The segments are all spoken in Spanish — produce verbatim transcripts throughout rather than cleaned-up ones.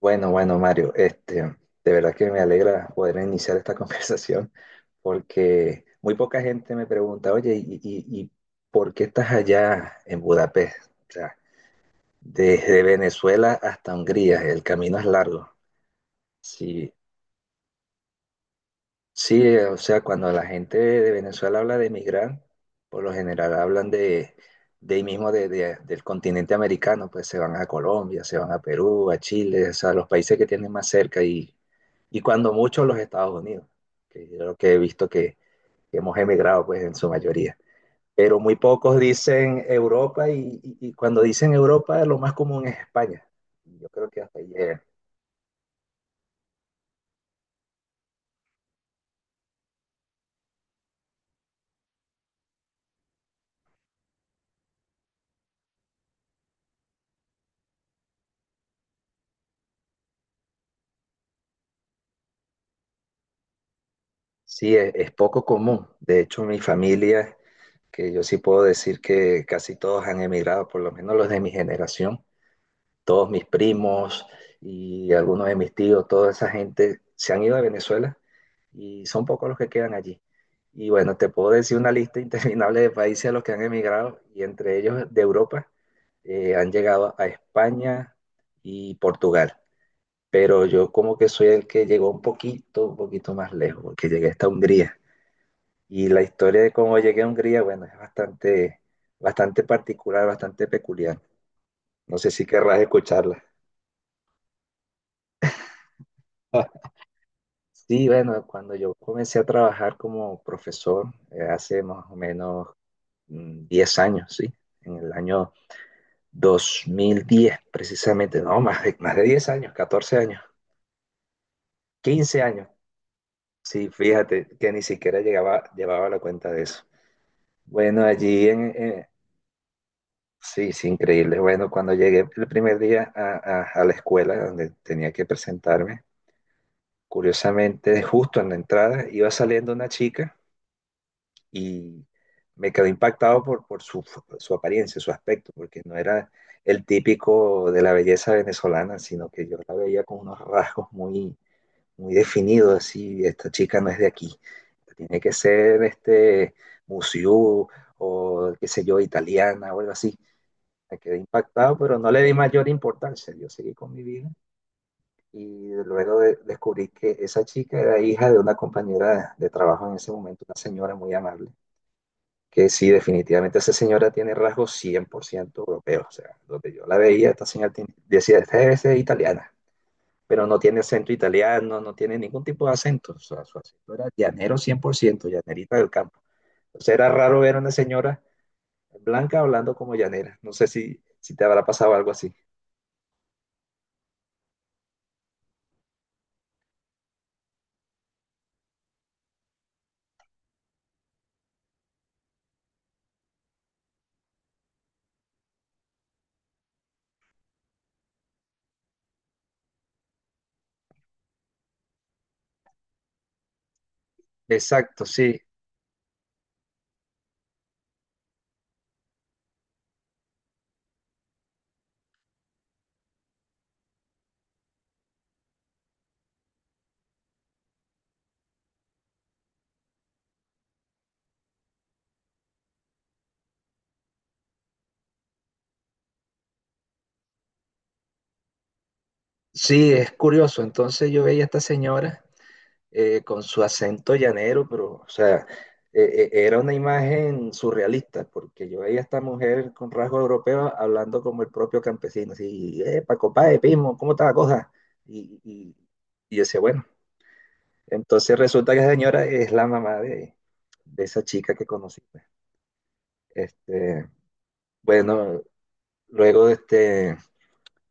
Bueno, bueno, Mario, este, de verdad que me alegra poder iniciar esta conversación porque muy poca gente me pregunta, oye, ¿y, y- y por qué estás allá en Budapest? O sea, desde Venezuela hasta Hungría, el camino es largo. Sí, sí, eh, o sea, cuando la gente de Venezuela habla de emigrar, por lo general hablan de, de ahí mismo de- de- del continente americano, pues se van a Colombia, se van a Perú, a Chile, o sea, los países que tienen más cerca y, y, cuando mucho los Estados Unidos, que yo lo que he visto que, que hemos emigrado, pues en su mayoría. Pero muy pocos dicen Europa y, y- y cuando dicen Europa lo más común es España. Y Yo creo que hasta ahí llega. Sí, es, es poco común. De hecho, mi familia, que yo sí puedo decir que casi todos han emigrado, por lo menos los de mi generación, todos mis primos y algunos de mis tíos, toda esa gente se han ido de Venezuela y son pocos los que quedan allí. Y bueno, te puedo decir una lista interminable de países a los que han emigrado y entre ellos de Europa eh, han llegado a España y Portugal. Pero yo como que soy el que llegó un poquito, un poquito más lejos, porque llegué hasta Hungría. Y la historia de cómo llegué a Hungría, bueno, es bastante, bastante particular, bastante peculiar. No sé si querrás escucharla. Sí, bueno, cuando yo comencé a trabajar como profesor, eh, hace más o menos mm, diez años, ¿sí? En el año dos mil diez precisamente, no, más de, más de, diez años, catorce años, quince años. Sí, fíjate que ni siquiera llegaba, llevaba la cuenta de eso. Bueno, allí en, en- Sí, sí, increíble. Bueno, cuando llegué el primer día a, a- a la escuela donde tenía que presentarme, curiosamente, justo en la entrada iba saliendo una chica y me quedé impactado por, por su, su apariencia, su aspecto, porque no era el típico de la belleza venezolana, sino que yo la veía con unos rasgos muy, muy definidos, así, esta chica no es de aquí, tiene que ser este museo o qué sé yo, italiana o algo así. Me quedé impactado, pero no le di mayor importancia. Yo seguí con mi vida y luego de- descubrí que esa chica era hija de una compañera de, de trabajo en ese momento, una señora muy amable, que sí, definitivamente esa señora tiene rasgos cien por ciento europeos. O sea, donde yo la veía, esta señora tiene- decía, esta es italiana, pero no tiene acento italiano, no tiene ningún tipo de acento. O sea, su acento era llanero cien por ciento llanerita del campo. Entonces era raro ver a una señora blanca hablando como llanera. No sé si, si te habrá pasado algo así. Exacto, sí. Sí, es curioso. Entonces yo veía a esta señora eh, con su acento llanero, pero, o sea, eh, eh, era una imagen surrealista, porque yo veía a esta mujer con rasgos europeos hablando como el propio campesino, así, eh, Paco Páez, Pismo, ¿cómo está la cosa? Y, y, y yo decía, bueno, entonces resulta que esa señora es la mamá de, de esa chica que conocí. pues. Este, bueno, luego este,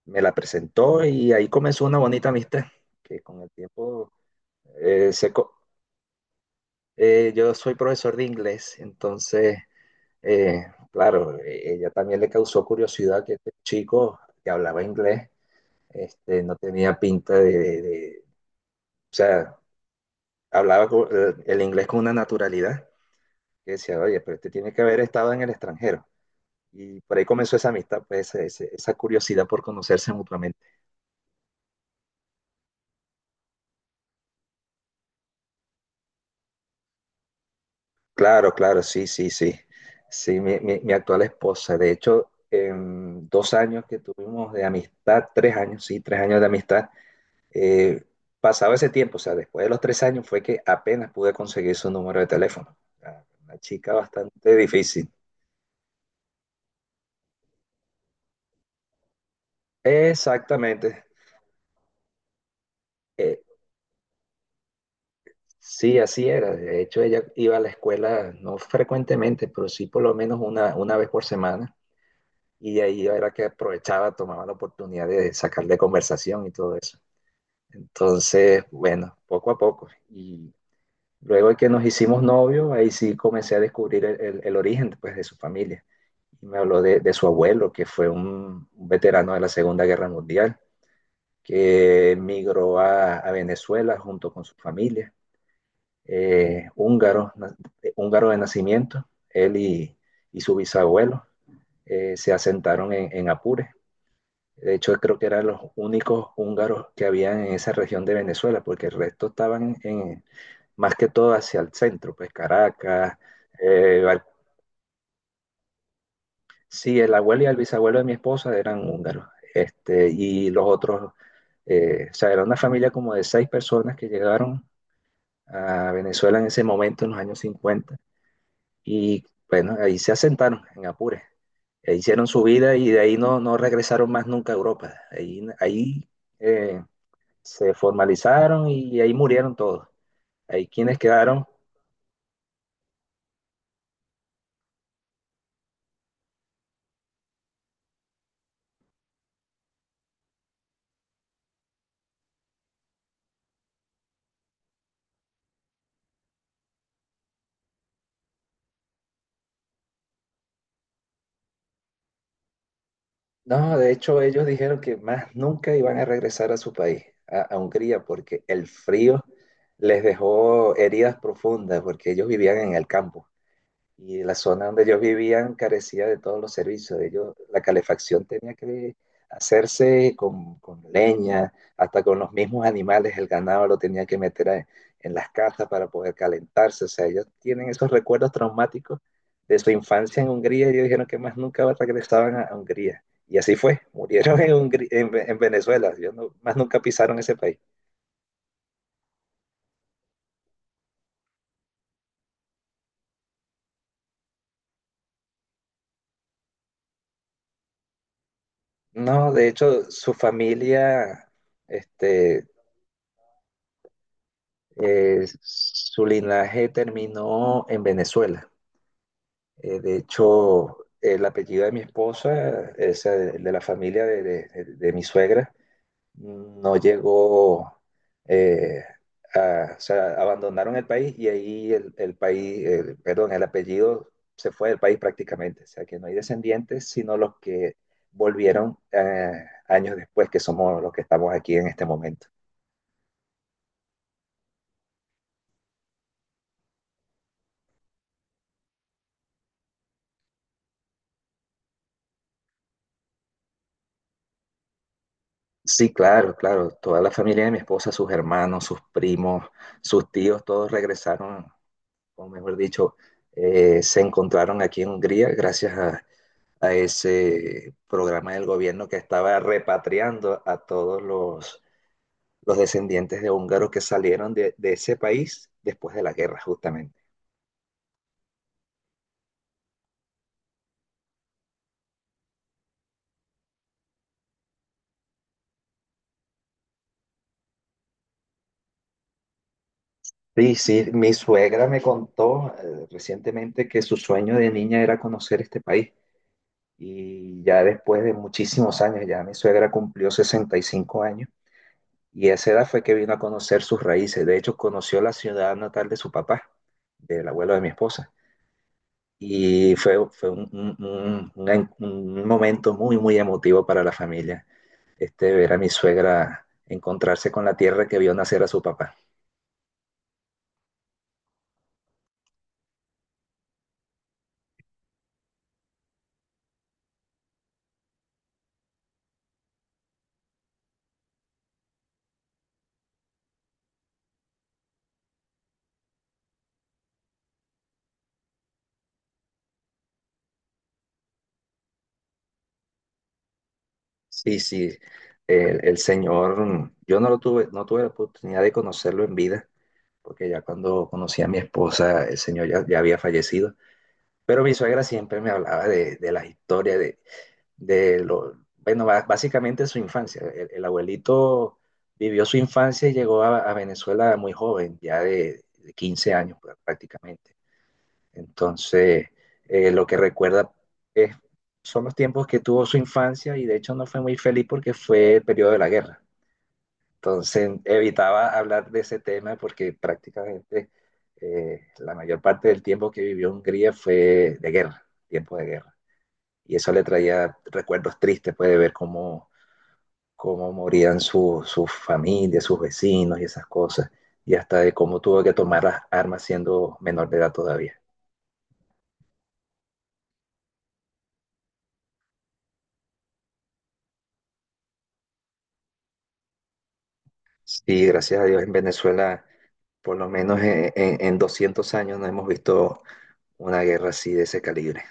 me la presentó y ahí comenzó una bonita amistad, que con el tiempo eh, se co- eh, yo soy profesor de inglés, entonces, eh, claro, eh, ella también le causó curiosidad que este chico que hablaba inglés, este, no tenía pinta de, de- de- o sea, hablaba co- eh, el inglés con una naturalidad, que decía, oye, pero este tiene que haber estado en el extranjero. Y por ahí comenzó esa amistad, pues, ese- ese- esa curiosidad por conocerse mutuamente. Claro, claro, sí, sí, sí. Sí, mi, mi- mi actual esposa. De hecho, en dos años que tuvimos de amistad, tres años, sí, tres años de amistad, eh, pasaba ese tiempo, o sea, después de los tres años fue que apenas pude conseguir su número de teléfono. Ah, Una chica bastante difícil. Exactamente. Eh, sí, así era. De hecho, ella iba a la escuela no frecuentemente, pero sí por lo menos una, una vez por semana. Y de ahí era que aprovechaba, tomaba la oportunidad de sacarle conversación y todo eso. Entonces, bueno, poco a poco. Y luego de que nos hicimos novios, ahí sí comencé a descubrir el, el- el origen pues, de su familia. Y me habló de, de su abuelo, que fue un, un veterano de la Segunda Guerra Mundial, que migró a, a Venezuela junto con su familia, eh, húngaro, na- eh, húngaro de nacimiento, él y, y su bisabuelo eh, se asentaron en, en Apure. De hecho, creo que eran los únicos húngaros que habían en esa región de Venezuela, porque el resto estaban en, más que todo hacia el centro, pues Caracas. eh, Val- sí, el abuelo y el bisabuelo de mi esposa eran húngaros, este, y los otros, eh, o sea, era una familia como de seis personas que llegaron a Venezuela en ese momento, en los años cincuenta y bueno, ahí se asentaron en Apure, e hicieron su vida y de ahí no, no regresaron más nunca a Europa, ahí, ahí eh, se formalizaron y ahí murieron todos, ahí quienes quedaron. No, de hecho ellos dijeron que más nunca iban a regresar a su país, a, a Hungría, porque el frío les dejó heridas profundas, porque ellos vivían en el campo. Y la zona donde ellos vivían carecía de todos los servicios. Ellos, la calefacción tenía que hacerse con, con leña, hasta con los mismos animales, el ganado lo tenía que meter a- en las casas para poder calentarse. O sea, ellos tienen esos recuerdos traumáticos de su infancia en Hungría y ellos dijeron que más nunca regresaban a, a Hungría. Y así fue, murieron en, Hungría- en, en Venezuela, ellos no- más nunca pisaron ese país. No, de hecho, su familia, este, Eh, su linaje terminó en Venezuela. Eh, de hecho, el apellido de mi esposa, es eh, el de la familia de, de- de mi suegra, no llegó, eh, a, o sea, abandonaron el país y ahí el, el país, el- perdón, el apellido se fue del país prácticamente. O sea, que no hay descendientes, sino los que volvieron eh, años después, que somos los que estamos aquí en este momento. Sí, claro, claro. Toda la familia de mi esposa, sus hermanos, sus primos, sus tíos, todos regresaron, o mejor dicho, eh, se encontraron aquí en Hungría gracias a, a ese programa del gobierno que estaba repatriando a todos los, los descendientes de húngaros que salieron de, de ese país después de la guerra, justamente. Sí, sí, mi suegra me contó eh, recientemente que su sueño de niña era conocer este país. Y ya después de muchísimos años, ya mi suegra cumplió sesenta y cinco años y a esa edad fue que vino a conocer sus raíces. De hecho, conoció la ciudad natal de su papá, del abuelo de mi esposa. Y fue, fue un, un- un- un un momento muy, muy emotivo para la familia, este, ver a mi suegra encontrarse con la tierra que vio nacer a su papá. Sí, sí, el, el señor, yo no lo tuve, no tuve la oportunidad de conocerlo en vida porque ya cuando conocí a mi esposa, el señor ya, ya había fallecido. Pero mi suegra siempre me hablaba de, de las historias, de, de lo, bueno, básicamente su infancia. El, el abuelito vivió su infancia y llegó a, a Venezuela muy joven, ya de, de quince años pues, prácticamente. Entonces, eh, lo que recuerda es, son los tiempos que tuvo su infancia y de hecho no fue muy feliz porque fue el periodo de la guerra. Entonces evitaba hablar de ese tema porque prácticamente eh, la mayor parte del tiempo que vivió Hungría fue de guerra, tiempo de guerra. Y eso le traía recuerdos tristes, puede ver cómo, cómo morían sus su sus familias, sus vecinos y esas cosas, y hasta de cómo tuvo que tomar las armas siendo menor de edad todavía. Sí, gracias a Dios en Venezuela, por lo menos en, en- en doscientos años no hemos visto una guerra así de ese calibre.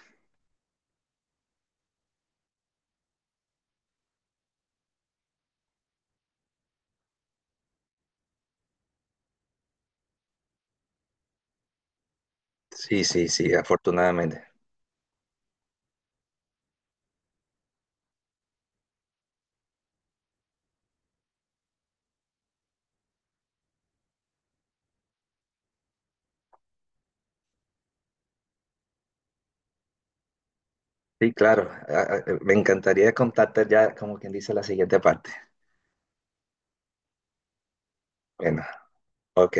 Sí, sí, sí, afortunadamente. Sí, claro. Ah, ah, Me encantaría contarte ya, como quien dice, la siguiente parte. Bueno, ok.